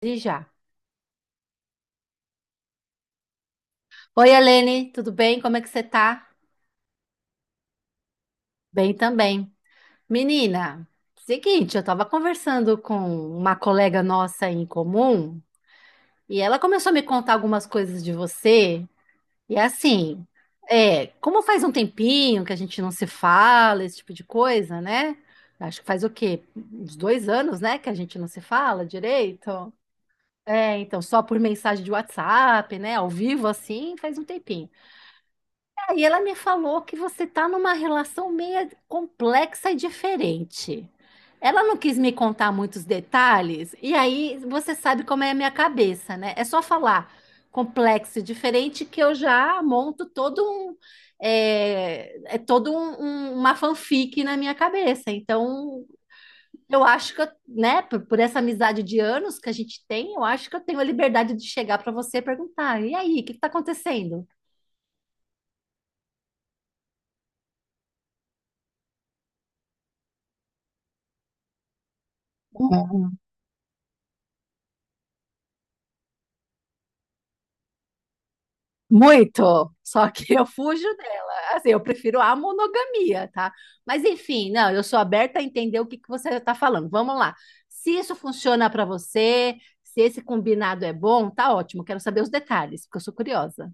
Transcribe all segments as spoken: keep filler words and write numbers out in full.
E já. Oi, Helene, tudo bem? Como é que você tá? Bem também. Menina, seguinte, eu tava conversando com uma colega nossa em comum e ela começou a me contar algumas coisas de você. E assim, é, como faz um tempinho que a gente não se fala, esse tipo de coisa, né? Acho que faz o quê? Uns dois anos, né, que a gente não se fala direito. É, então, só por mensagem de WhatsApp, né, ao vivo assim, faz um tempinho. Aí ela me falou que você está numa relação meio complexa e diferente. Ela não quis me contar muitos detalhes, e aí você sabe como é a minha cabeça, né? É só falar complexo e diferente que eu já monto todo um, é, é todo um- um- uma fanfic na minha cabeça. Então, eu acho que, eu, né, por, por essa amizade de anos que a gente tem, eu acho que eu tenho a liberdade de chegar para você e perguntar: e aí, o que está acontecendo? Muito, só que eu fujo dela. Assim, eu prefiro a monogamia, tá? Mas enfim, não, eu sou aberta a entender o que que você está falando. Vamos lá. Se isso funciona para você, se esse combinado é bom, tá ótimo. Quero saber os detalhes, porque eu sou curiosa.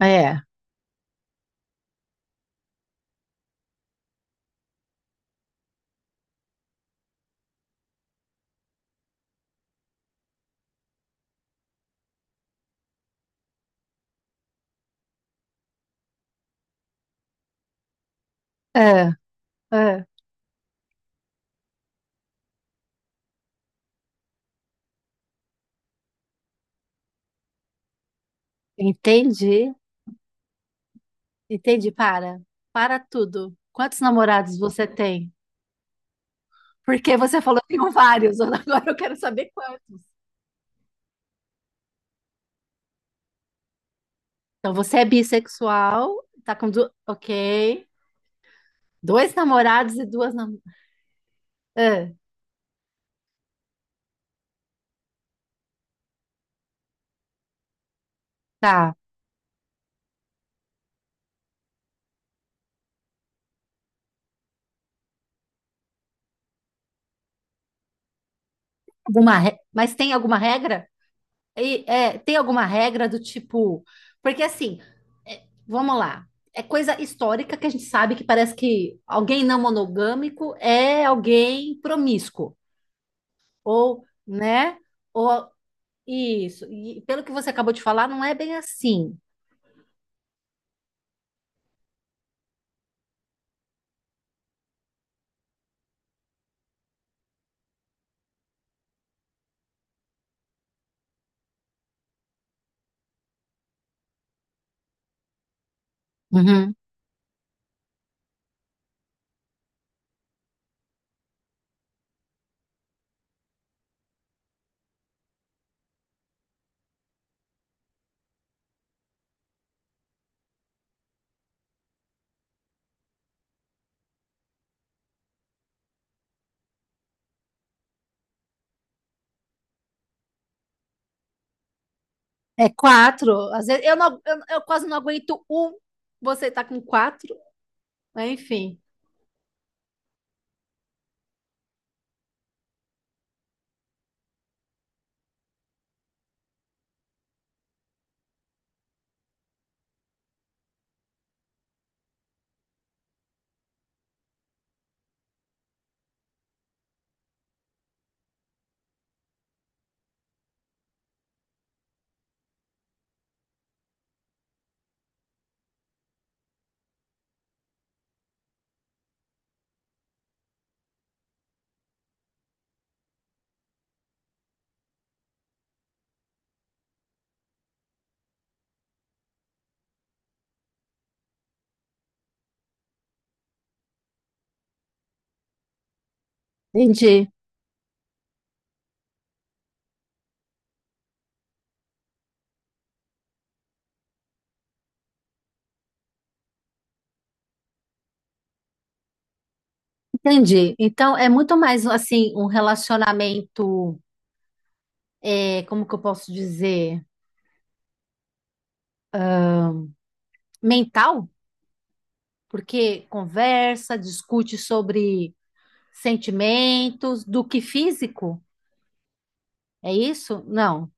É, é, é. Entendi, entendi. Para, para tudo. Quantos namorados você tem? Porque você falou que tem vários, agora eu quero saber quantos. Então você é bissexual, tá com du... Ok. Dois namorados e duas namoradas. Tá. Alguma re- Mas tem alguma regra? E, é, tem alguma regra do tipo. Porque assim, é, vamos lá. É coisa histórica que a gente sabe que parece que alguém não monogâmico é alguém promíscuo. Ou, né? Ou isso. E pelo que você acabou de falar, não é bem assim. Uhum. É quatro. Às vezes eu, não, eu, eu quase não aguento um. Você tá com quatro. Mas enfim. Entendi, entendi. Então é muito mais assim um relacionamento, é, como que eu posso dizer, mental, porque conversa, discute sobre sentimentos, do que físico. É isso? Não.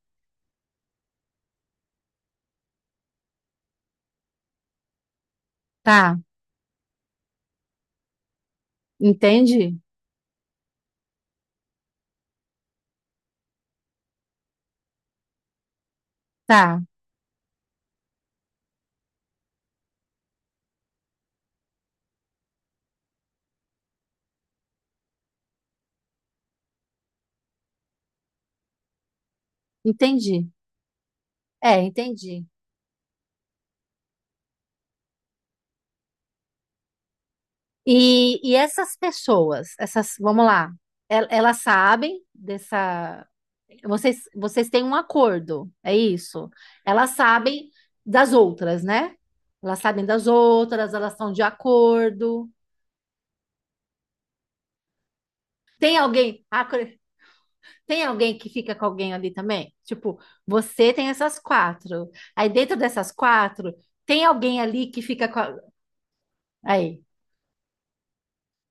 Tá, entendi. Tá, entendi. É, entendi. E, e essas pessoas, essas, vamos lá, el- elas sabem dessa. Vocês, vocês têm um acordo, é isso. Elas sabem das outras, né? Elas sabem das outras, elas estão de acordo. Tem alguém, ah, cre- tem alguém que fica com alguém ali também? Tipo, você tem essas quatro. Aí dentro dessas quatro, tem alguém ali que fica com a- Aí.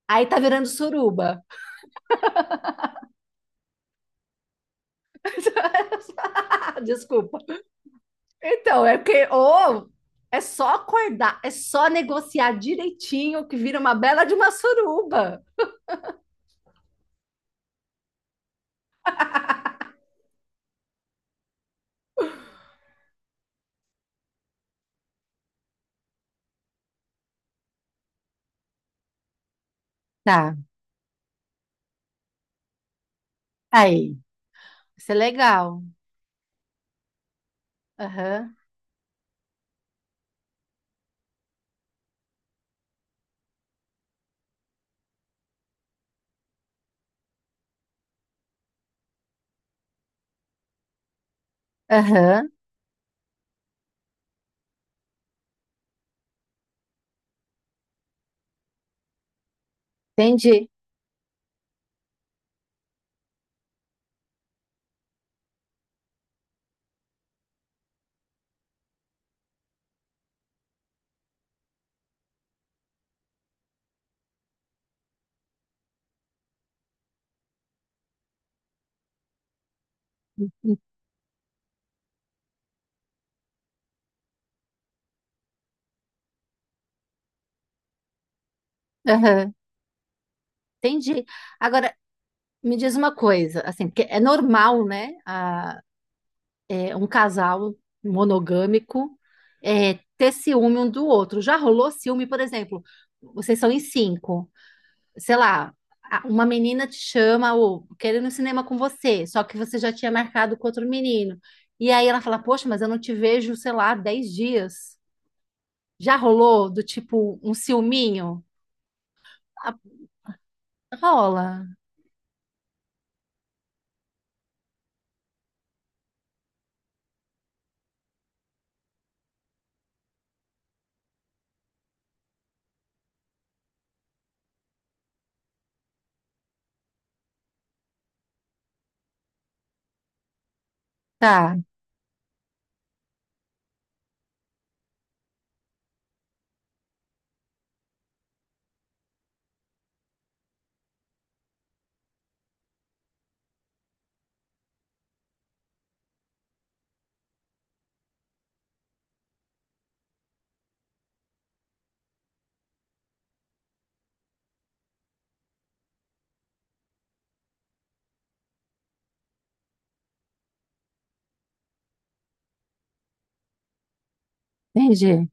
Aí tá virando suruba. Desculpa. Então, é porque ou é só acordar, é só negociar direitinho que vira uma bela de uma suruba. Tá, aí. Isso é legal. Aham, aham, entendi. Aham, entendi. Agora, me diz uma coisa, assim, porque é normal, né, a- é, um casal monogâmico é, ter ciúme um do outro. Já rolou ciúme, por exemplo, vocês são em cinco. Sei lá, a- uma menina te chama ou quer ir no cinema com você, só que você já tinha marcado com outro menino. E aí ela fala, poxa, mas eu não te vejo, sei lá, dez dias. Já rolou do tipo um ciúminho? Ah, rola. Tá, entendi,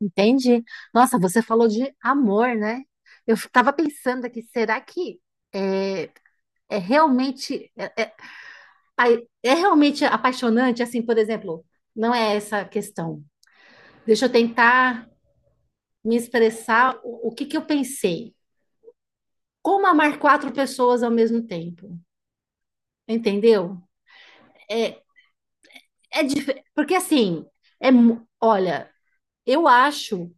entendi. Nossa, você falou de amor, né? Eu estava pensando aqui, será que é, é realmente é, é, ai, é realmente apaixonante? Assim, por exemplo, não é essa a questão. Deixa eu tentar me expressar o, o que que eu pensei. Como amar quatro pessoas ao mesmo tempo? Entendeu? É, é dif- porque assim, é, mu- olha, eu acho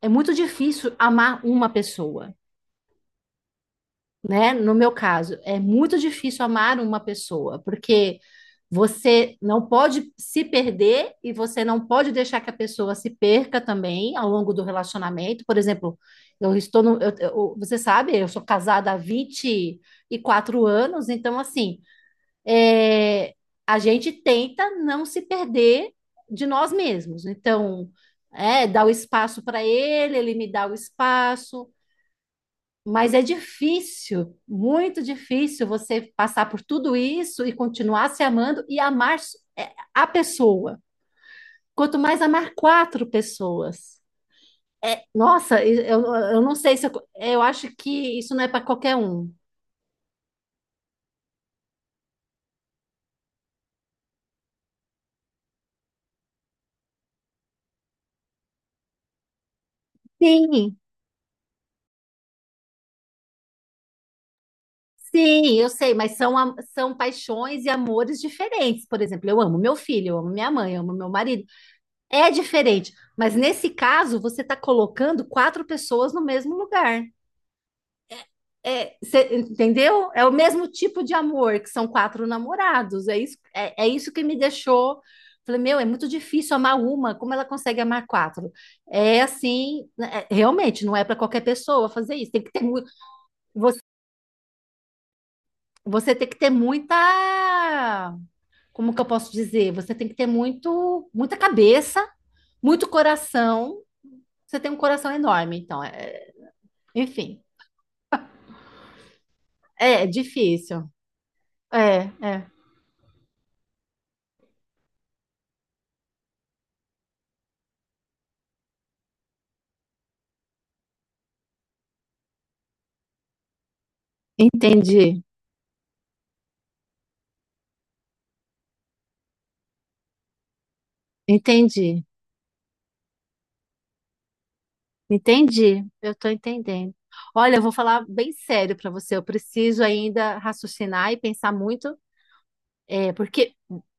é muito difícil amar uma pessoa. Né? No meu caso, é muito difícil amar uma pessoa, porque você não pode se perder e você não pode deixar que a pessoa se perca também ao longo do relacionamento. Por exemplo, eu estou no, eu- eu- você sabe, eu sou casada há vinte e quatro anos, então assim, é, a gente tenta não se perder de nós mesmos. Então, é, dá o espaço para ele, ele me dá o espaço. Mas é difícil, muito difícil você passar por tudo isso e continuar se amando e amar s- é, a pessoa. Quanto mais amar quatro pessoas. Nossa, e- eu, eu não sei se eu, co- eu acho que isso não é para qualquer um. Sim, sim, eu sei, mas são, am- são paixões e amores diferentes. Por exemplo, eu amo meu filho, eu amo minha mãe, eu amo meu marido. É diferente, mas nesse caso você está colocando quatro pessoas no mesmo lugar. É, cê- entendeu? É o mesmo tipo de amor, que são quatro namorados. É isso, é, é isso que me deixou. Falei, meu, é muito difícil amar uma, como ela consegue amar quatro? É assim, né, é- realmente, não é para qualquer pessoa fazer isso. Tem que ter, mu- você, você tem que ter muita, como que eu posso dizer? Você tem que ter muito, muita cabeça, muito coração. Você tem um coração enorme, então, é- enfim, é, difícil. É, é. Entendi, entendi. Entendi, eu estou entendendo. Olha, eu vou falar bem sério para você. Eu preciso ainda raciocinar e pensar muito, é, porque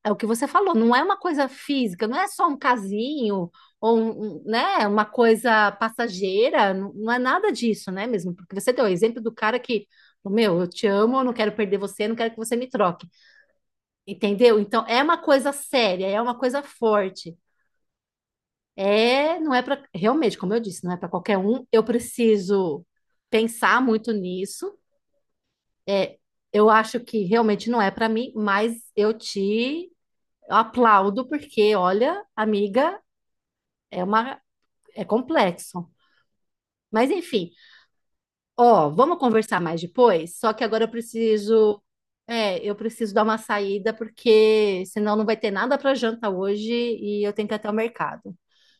é o que você falou, não é uma coisa física, não é só um casinho ou um, um, né, uma coisa passageira, não, não é nada disso, né, mesmo? Porque você deu o exemplo do cara que, meu, eu te amo, eu não quero perder você, eu não quero que você me troque, entendeu? Então é uma coisa séria, é uma coisa forte. É, não é para realmente, como eu disse, não é para qualquer um. Eu preciso pensar muito nisso. É, eu acho que realmente não é para mim, mas eu te aplaudo porque, olha, amiga, é uma é complexo. Mas enfim, ó, vamos conversar mais depois. Só que agora eu preciso, é, eu preciso dar uma saída porque senão não vai ter nada para janta hoje e eu tenho que ir até o mercado,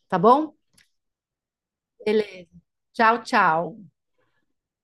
tá bom? Beleza. Tchau, tchau.